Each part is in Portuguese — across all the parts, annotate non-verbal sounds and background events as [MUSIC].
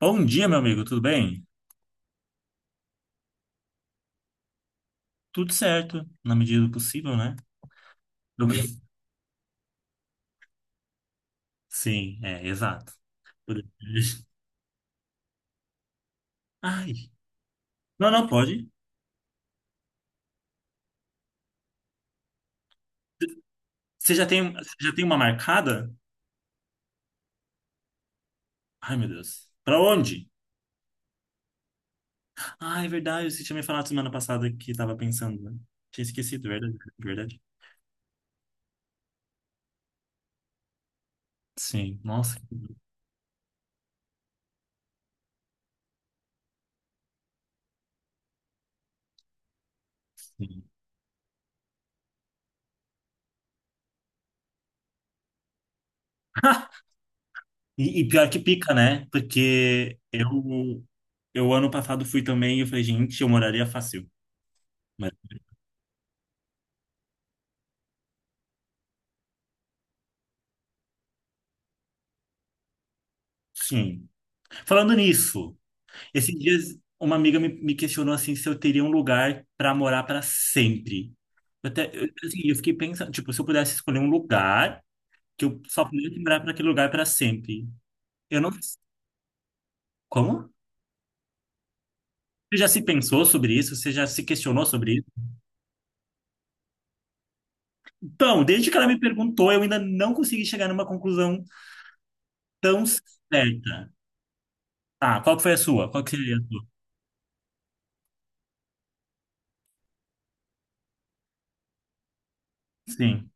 Bom dia, meu amigo, tudo bem? Tudo certo, na medida do possível, né? Do- [LAUGHS] Sim, é, exato. Por- [LAUGHS] Ai, não, não pode. Você já tem uma marcada? Ai, meu Deus. Pra onde? Ah, é verdade, você tinha me falado semana passada que tava pensando, né? Tinha esquecido, verdade, verdade. Sim, nossa. Que Sim. [LAUGHS] E pior que pica, né? Porque eu ano passado fui também e eu falei, gente, eu moraria fácil. Mas, sim. Falando nisso. Esses dias, uma amiga me questionou assim se eu teria um lugar para morar para sempre. Eu, assim, eu fiquei pensando, tipo, se eu pudesse escolher um lugar que eu só pudesse morar para aquele lugar para sempre. Eu não. Como? Você já se pensou sobre isso? Você já se questionou sobre isso? Então, desde que ela me perguntou, eu ainda não consegui chegar numa conclusão tão certa. Ah, qual que foi a sua? Qual que seria a sua? Sim,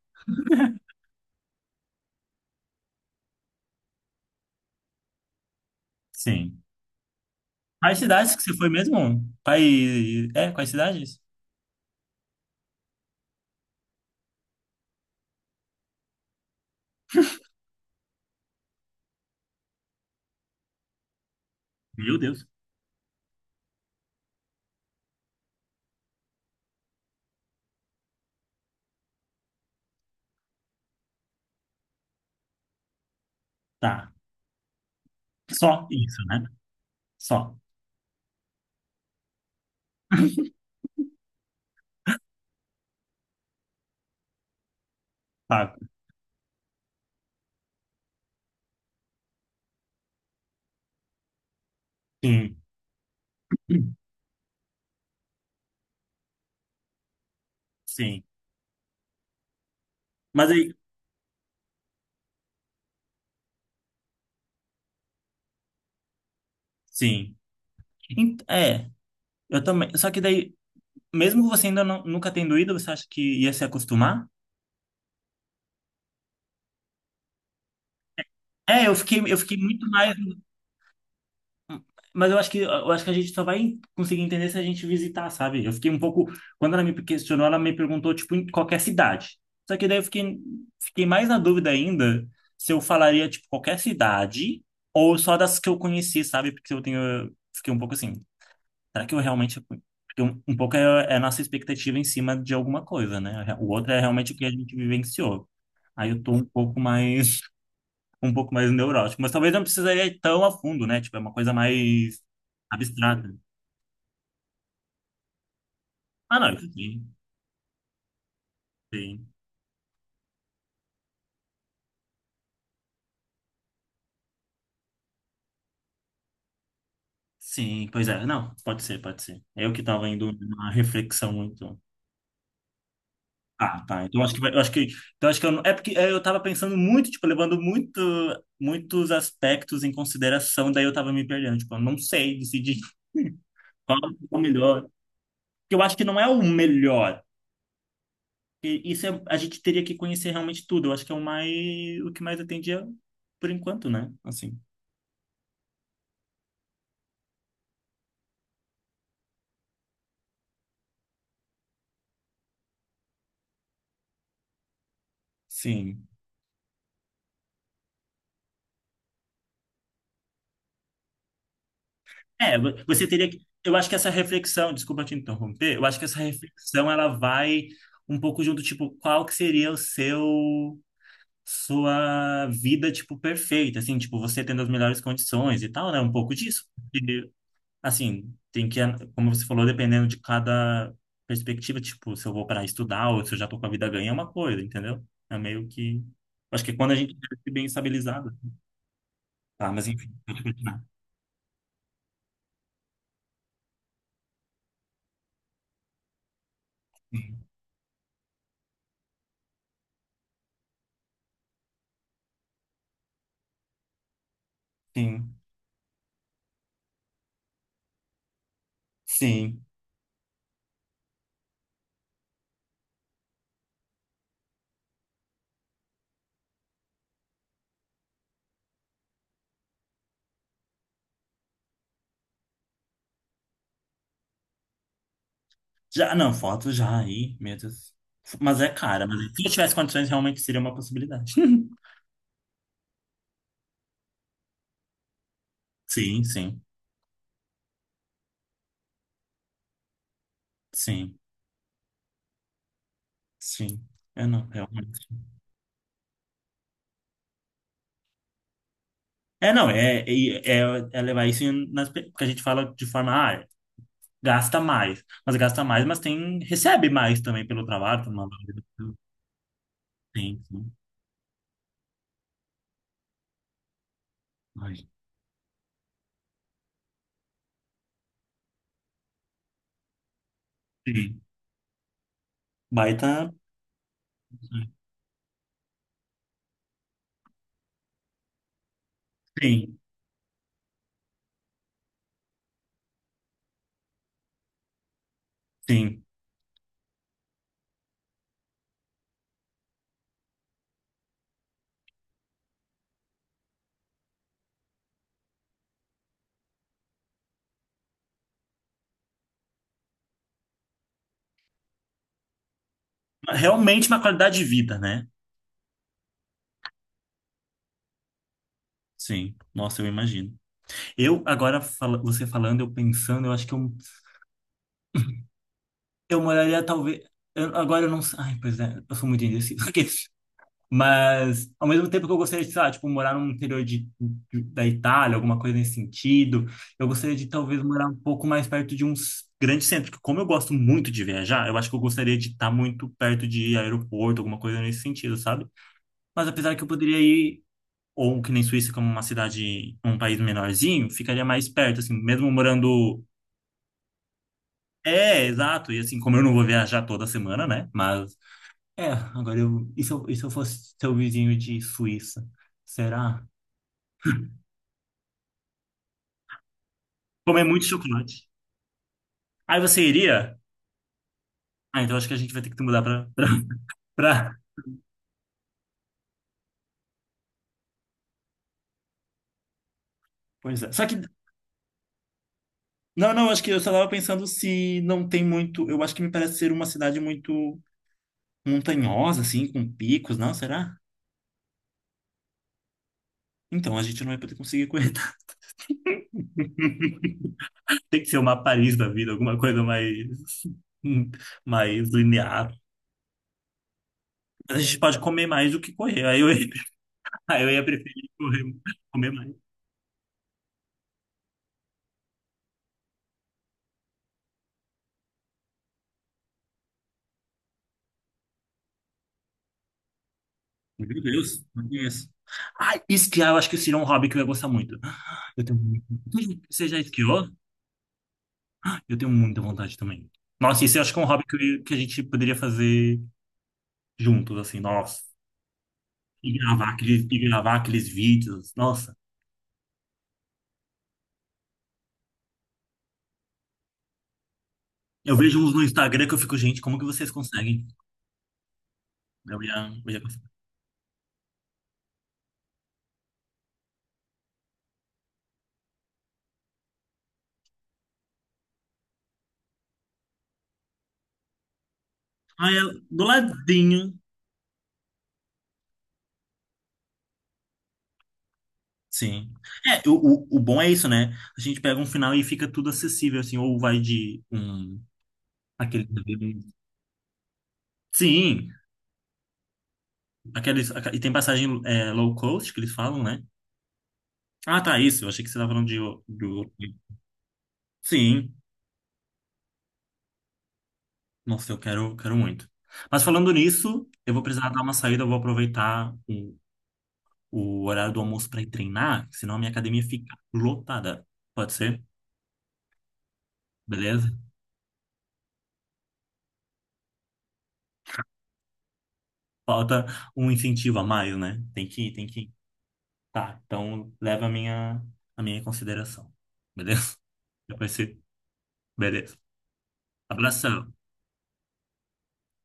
sim. Quais cidades que você foi mesmo? Quais, é, quais cidades? Meu Deus. Tá. Só isso, né? Só pago. Sim. Sim. Mas aí, sim. É, eu também. Só que daí, mesmo que você ainda não- nunca tendo ido, você acha que ia se acostumar? É, eu fiquei muito mais. Mas eu acho que a gente só vai conseguir entender se a gente visitar, sabe? Eu fiquei um pouco. Quando ela me questionou, ela me perguntou, tipo, em qualquer cidade. Só que daí eu fiquei mais na dúvida ainda se eu falaria, tipo, qualquer cidade ou só das que eu conheci, sabe? Porque eu tenho. Fiquei um pouco assim. Será que eu realmente. Porque um pouco é, é a nossa expectativa em cima de alguma coisa, né? O outro é realmente o que a gente vivenciou. Aí eu tô um pouco mais. [LAUGHS] Um pouco mais neurótico. Mas talvez não precisaria ir tão a fundo, né? Tipo, é uma coisa mais abstrata. Ah, não, isso sim, sim. Sim, pois é. Não, pode ser, pode ser. É eu que tava indo numa reflexão muito. Ah, tá. Então acho que eu não, é porque é, eu tava pensando muito, tipo, levando muito, muitos aspectos em consideração, daí eu tava me perdendo, tipo, eu não sei decidir [LAUGHS] qual é o melhor. Porque eu acho que não é o melhor. A gente teria que conhecer realmente tudo. Eu acho que é o mais, o que mais atendia por enquanto, né? Assim. Sim. É, você teria que, eu acho que essa reflexão, desculpa te interromper, eu acho que essa reflexão ela vai um pouco junto, tipo, qual que seria o seu sua vida, tipo, perfeita, assim, tipo, você tendo as melhores condições e tal, né? Um pouco disso. E, assim, tem que, como você falou, dependendo de cada perspectiva, tipo, se eu vou para estudar ou se eu já tô com a vida ganha, é uma coisa, entendeu? É meio que... Acho que é quando a gente deve ser bem estabilizado. Tá, mas enfim. Né? Sim, sim. Já, não, foto já aí, meu Deus. Mas é cara, mas se eu tivesse condições, realmente seria uma possibilidade. [LAUGHS] Sim, sim, sim, sim. Eu não, realmente. É, não, é, é, é- É levar isso porque a gente fala de forma, ah, gasta mais, mas tem, recebe mais também pelo trabalho, tem uma valorização. Sim, sim. Ai, sim. Baita. Sim, sim. Realmente uma qualidade de vida, né? Sim. Nossa, eu imagino. Você falando, eu pensando, eu acho que eu moraria talvez. Agora eu não sei. Ai, pois é, eu sou muito indeciso. [LAUGHS] Mas, ao mesmo tempo que eu gostaria de, sei lá, tipo, morar no interior da Itália, alguma coisa nesse sentido, eu gostaria de talvez morar um pouco mais perto de um grande centro, que como eu gosto muito de viajar, eu acho que eu gostaria de estar muito perto de aeroporto, alguma coisa nesse sentido, sabe? Mas apesar que eu poderia ir, ou que nem Suíça, como uma cidade, um país menorzinho, ficaria mais perto, assim, mesmo morando... É, exato, e assim, como eu não vou viajar toda semana, né? Mas, é, agora eu... E se eu fosse seu vizinho de Suíça? Será? Comer muito chocolate. Aí você iria? Ah, então acho que a gente vai ter que mudar pra... Pois é. Só que... Não, não, acho que eu só tava pensando se não tem muito... Eu acho que me parece ser uma cidade muito montanhosa, assim, com picos. Não, será? Então, a gente não vai poder conseguir aguentar. [LAUGHS] Tem que ser uma Paris da vida, alguma coisa mais... mais linear. Mas a gente pode comer mais do que correr. Aí eu ia, [LAUGHS] aí eu ia preferir correr, comer mais. Meu Deus, não conheço. Ah, esquiar eu acho que seria um hobby que eu ia gostar muito. Você já esquiou? Ah, eu tenho muita vontade também. Nossa, isso eu acho que é um hobby que a gente poderia fazer juntos, assim, nossa. E gravar aqueles vídeos, nossa. Eu vejo uns no Instagram que eu fico, gente, como que vocês conseguem? Eu ia, eu ia conseguir. Ah, é do ladinho. Sim. É, o, o bom é isso, né? A gente pega um final e fica tudo acessível, assim, ou vai de um... Aquele... Sim, aqueles, e tem passagem é, low cost que eles falam, né? Ah, tá, isso. Eu achei que você estava falando de, do. Sim. Nossa, eu quero, quero muito. Mas falando nisso, eu vou precisar dar uma saída, eu vou aproveitar o horário do almoço para ir treinar, senão a minha academia fica lotada. Pode ser? Beleza? Falta um incentivo a mais, né? Tem que ir, tem que ir. Tá, então leva a minha em consideração. Beleza? Depois você. Beleza. Abração.